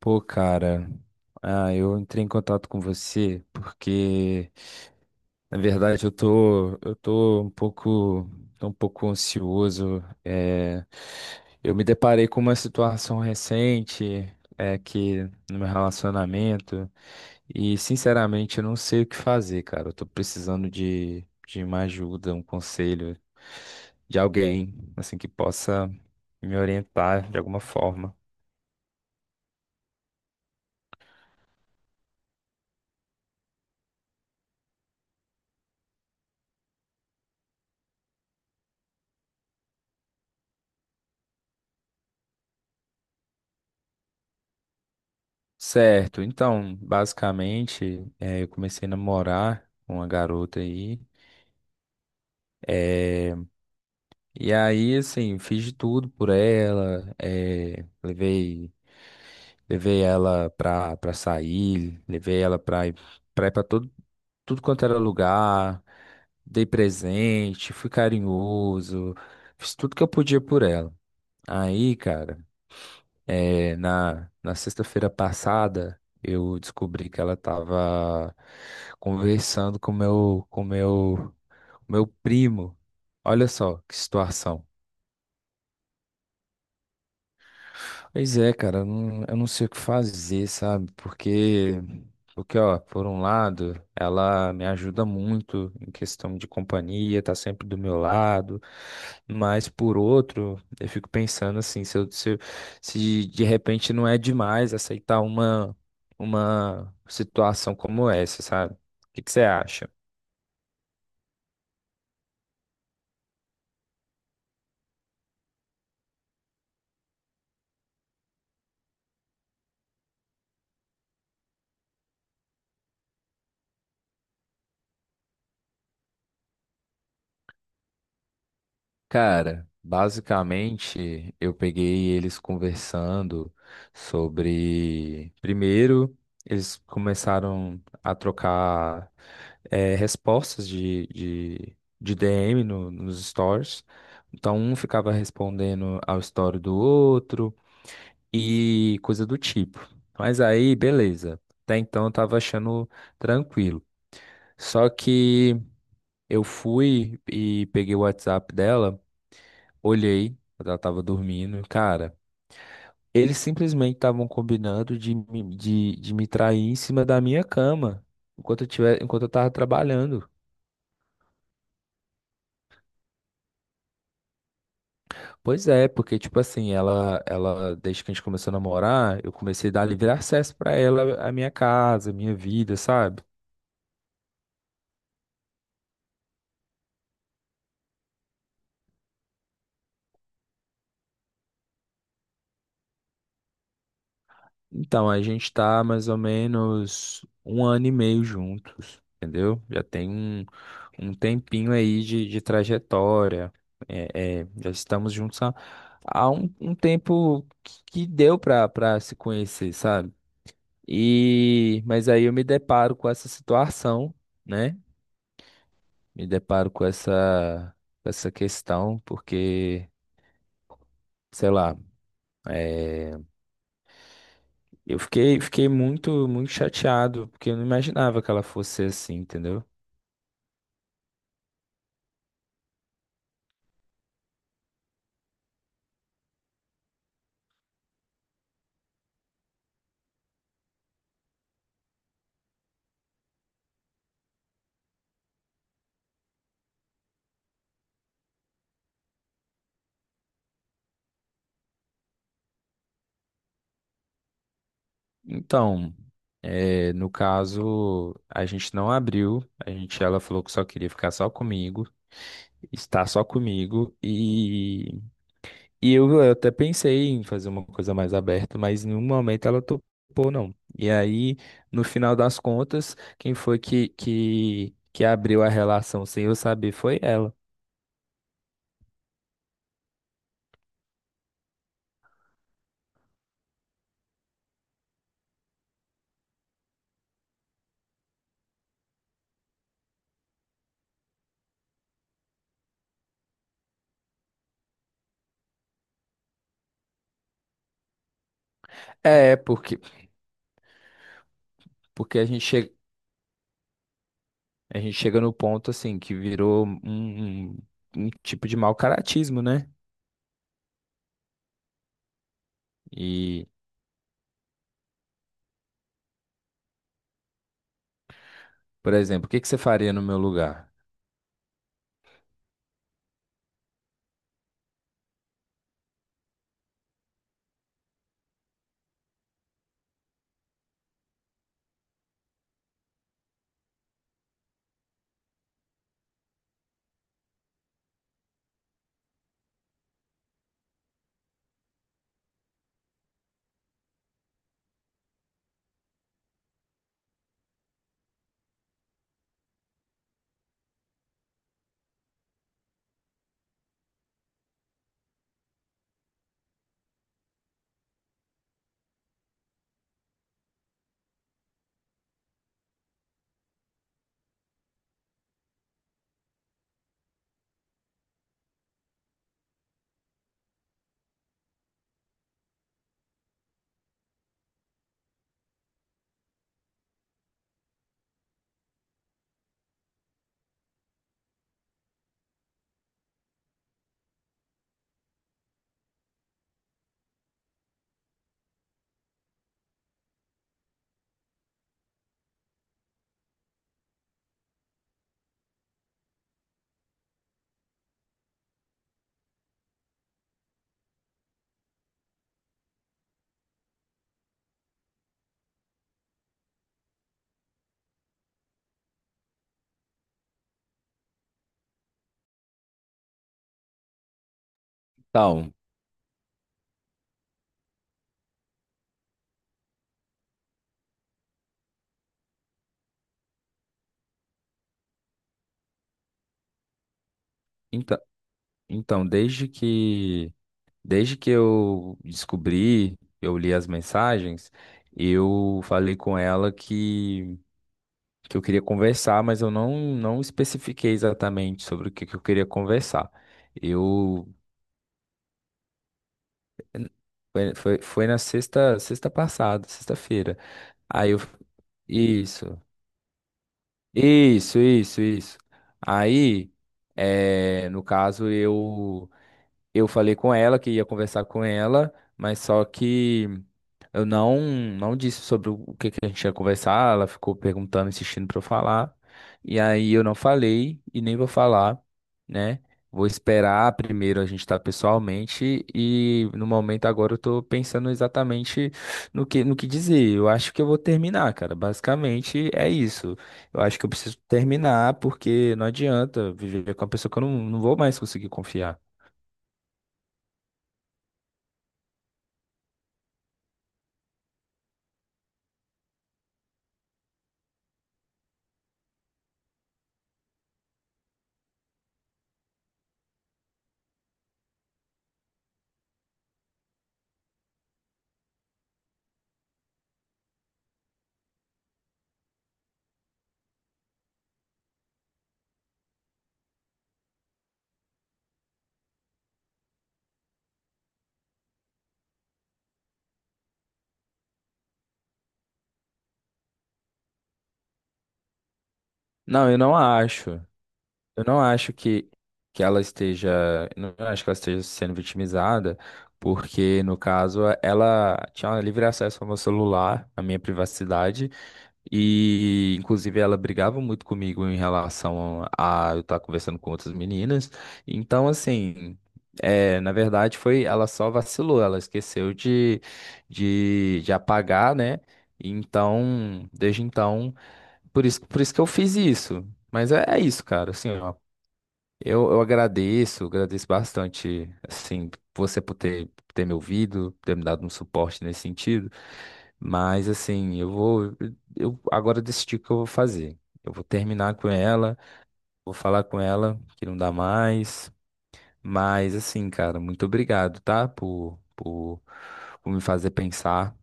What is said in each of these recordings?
Pô, cara, eu entrei em contato com você porque, na verdade, eu tô um pouco ansioso. Eu me deparei com uma situação recente, que no meu relacionamento e, sinceramente, eu não sei o que fazer, cara. Eu tô precisando de uma ajuda, um conselho de alguém, assim, que possa me orientar de alguma forma. Certo, então, basicamente, eu comecei a namorar com uma garota aí. eh, e aí, assim, fiz de tudo por ela. Levei ela pra sair, levei ela pra ir pra tudo quanto era lugar. Dei presente, fui carinhoso, fiz tudo que eu podia por ela. Aí, cara. É, na sexta-feira passada, eu descobri que ela estava conversando com meu primo. Olha só que situação. Pois é, cara, eu não sei o que fazer, sabe? Porque, ó, por um lado, ela me ajuda muito em questão de companhia, tá sempre do meu lado, mas por outro, eu fico pensando assim, se de repente não é demais aceitar uma situação como essa, sabe? O que que você acha? Cara, basicamente eu peguei eles conversando sobre. Primeiro, eles começaram a trocar respostas de DM nos stories. Então, um ficava respondendo ao story do outro e coisa do tipo. Mas aí, beleza. Até então eu tava achando tranquilo. Só que. Eu fui e peguei o WhatsApp dela, olhei, ela tava dormindo, e, cara. Eles simplesmente estavam combinando de me trair em cima da minha cama, enquanto eu tava trabalhando. Pois é, porque, tipo assim, ela, desde que a gente começou a namorar, eu comecei a dar livre acesso pra ela, a minha casa, a minha vida, sabe? Então, a gente tá mais ou menos um ano e meio juntos, entendeu? Já tem um tempinho aí de trajetória. Já estamos juntos há um tempo que deu pra se conhecer, sabe? E, mas aí eu me deparo com essa situação, né? Me deparo com essa questão, porque, sei lá, é, fiquei muito, muito chateado, porque eu não imaginava que ela fosse assim, entendeu? Então, no caso, a gente não abriu, a gente, ela falou que só queria ficar só comigo, estar só comigo, e, eu até pensei em fazer uma coisa mais aberta, mas em nenhum momento ela topou, não. E aí, no final das contas, quem foi que abriu a relação sem eu saber foi ela. É, porque a gente chega no ponto, assim, que virou um um tipo de mau caratismo, né? E. Por exemplo, o que que você faria no meu lugar? Então, então, então, desde que eu descobri, eu li as mensagens, eu falei com ela que eu queria conversar, mas eu não, não especifiquei exatamente sobre o que eu queria conversar. Eu foi, foi Foi na sexta passada, sexta-feira. Aí eu isso, isso, isso, Isso. Aí, no caso, eu falei com ela que ia conversar com ela, mas só que eu não não disse sobre o que que a gente ia conversar. Ela ficou perguntando, insistindo para eu falar. E aí eu não falei e nem vou falar, né? Vou esperar primeiro a gente estar pessoalmente e no momento agora eu tô pensando exatamente no que dizer. Eu acho que eu vou terminar, cara. Basicamente é isso. Eu acho que eu preciso terminar porque não adianta viver com uma pessoa que eu não, não vou mais conseguir confiar. Não, eu não acho. Eu não acho que, que ela esteja. Eu não acho que ela esteja sendo vitimizada, porque, no caso, ela tinha um livre acesso ao meu celular, à minha privacidade, e, inclusive, ela brigava muito comigo em relação a eu estar conversando com outras meninas. Então, assim. É, na verdade, foi, ela só vacilou, ela esqueceu de apagar, né? Então, desde então. Por isso que eu fiz isso. Mas é, é isso, cara. Assim, ó, agradeço bastante, assim, você por ter me ouvido, ter me dado um suporte nesse sentido. Mas, assim, eu vou. Eu agora decidi o que eu vou fazer. Eu vou terminar com ela, vou falar com ela que não dá mais. Mas, assim, cara, muito obrigado, tá? Por me fazer pensar.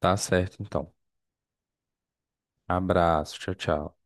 Tá certo, então. Abraço, tchau, tchau.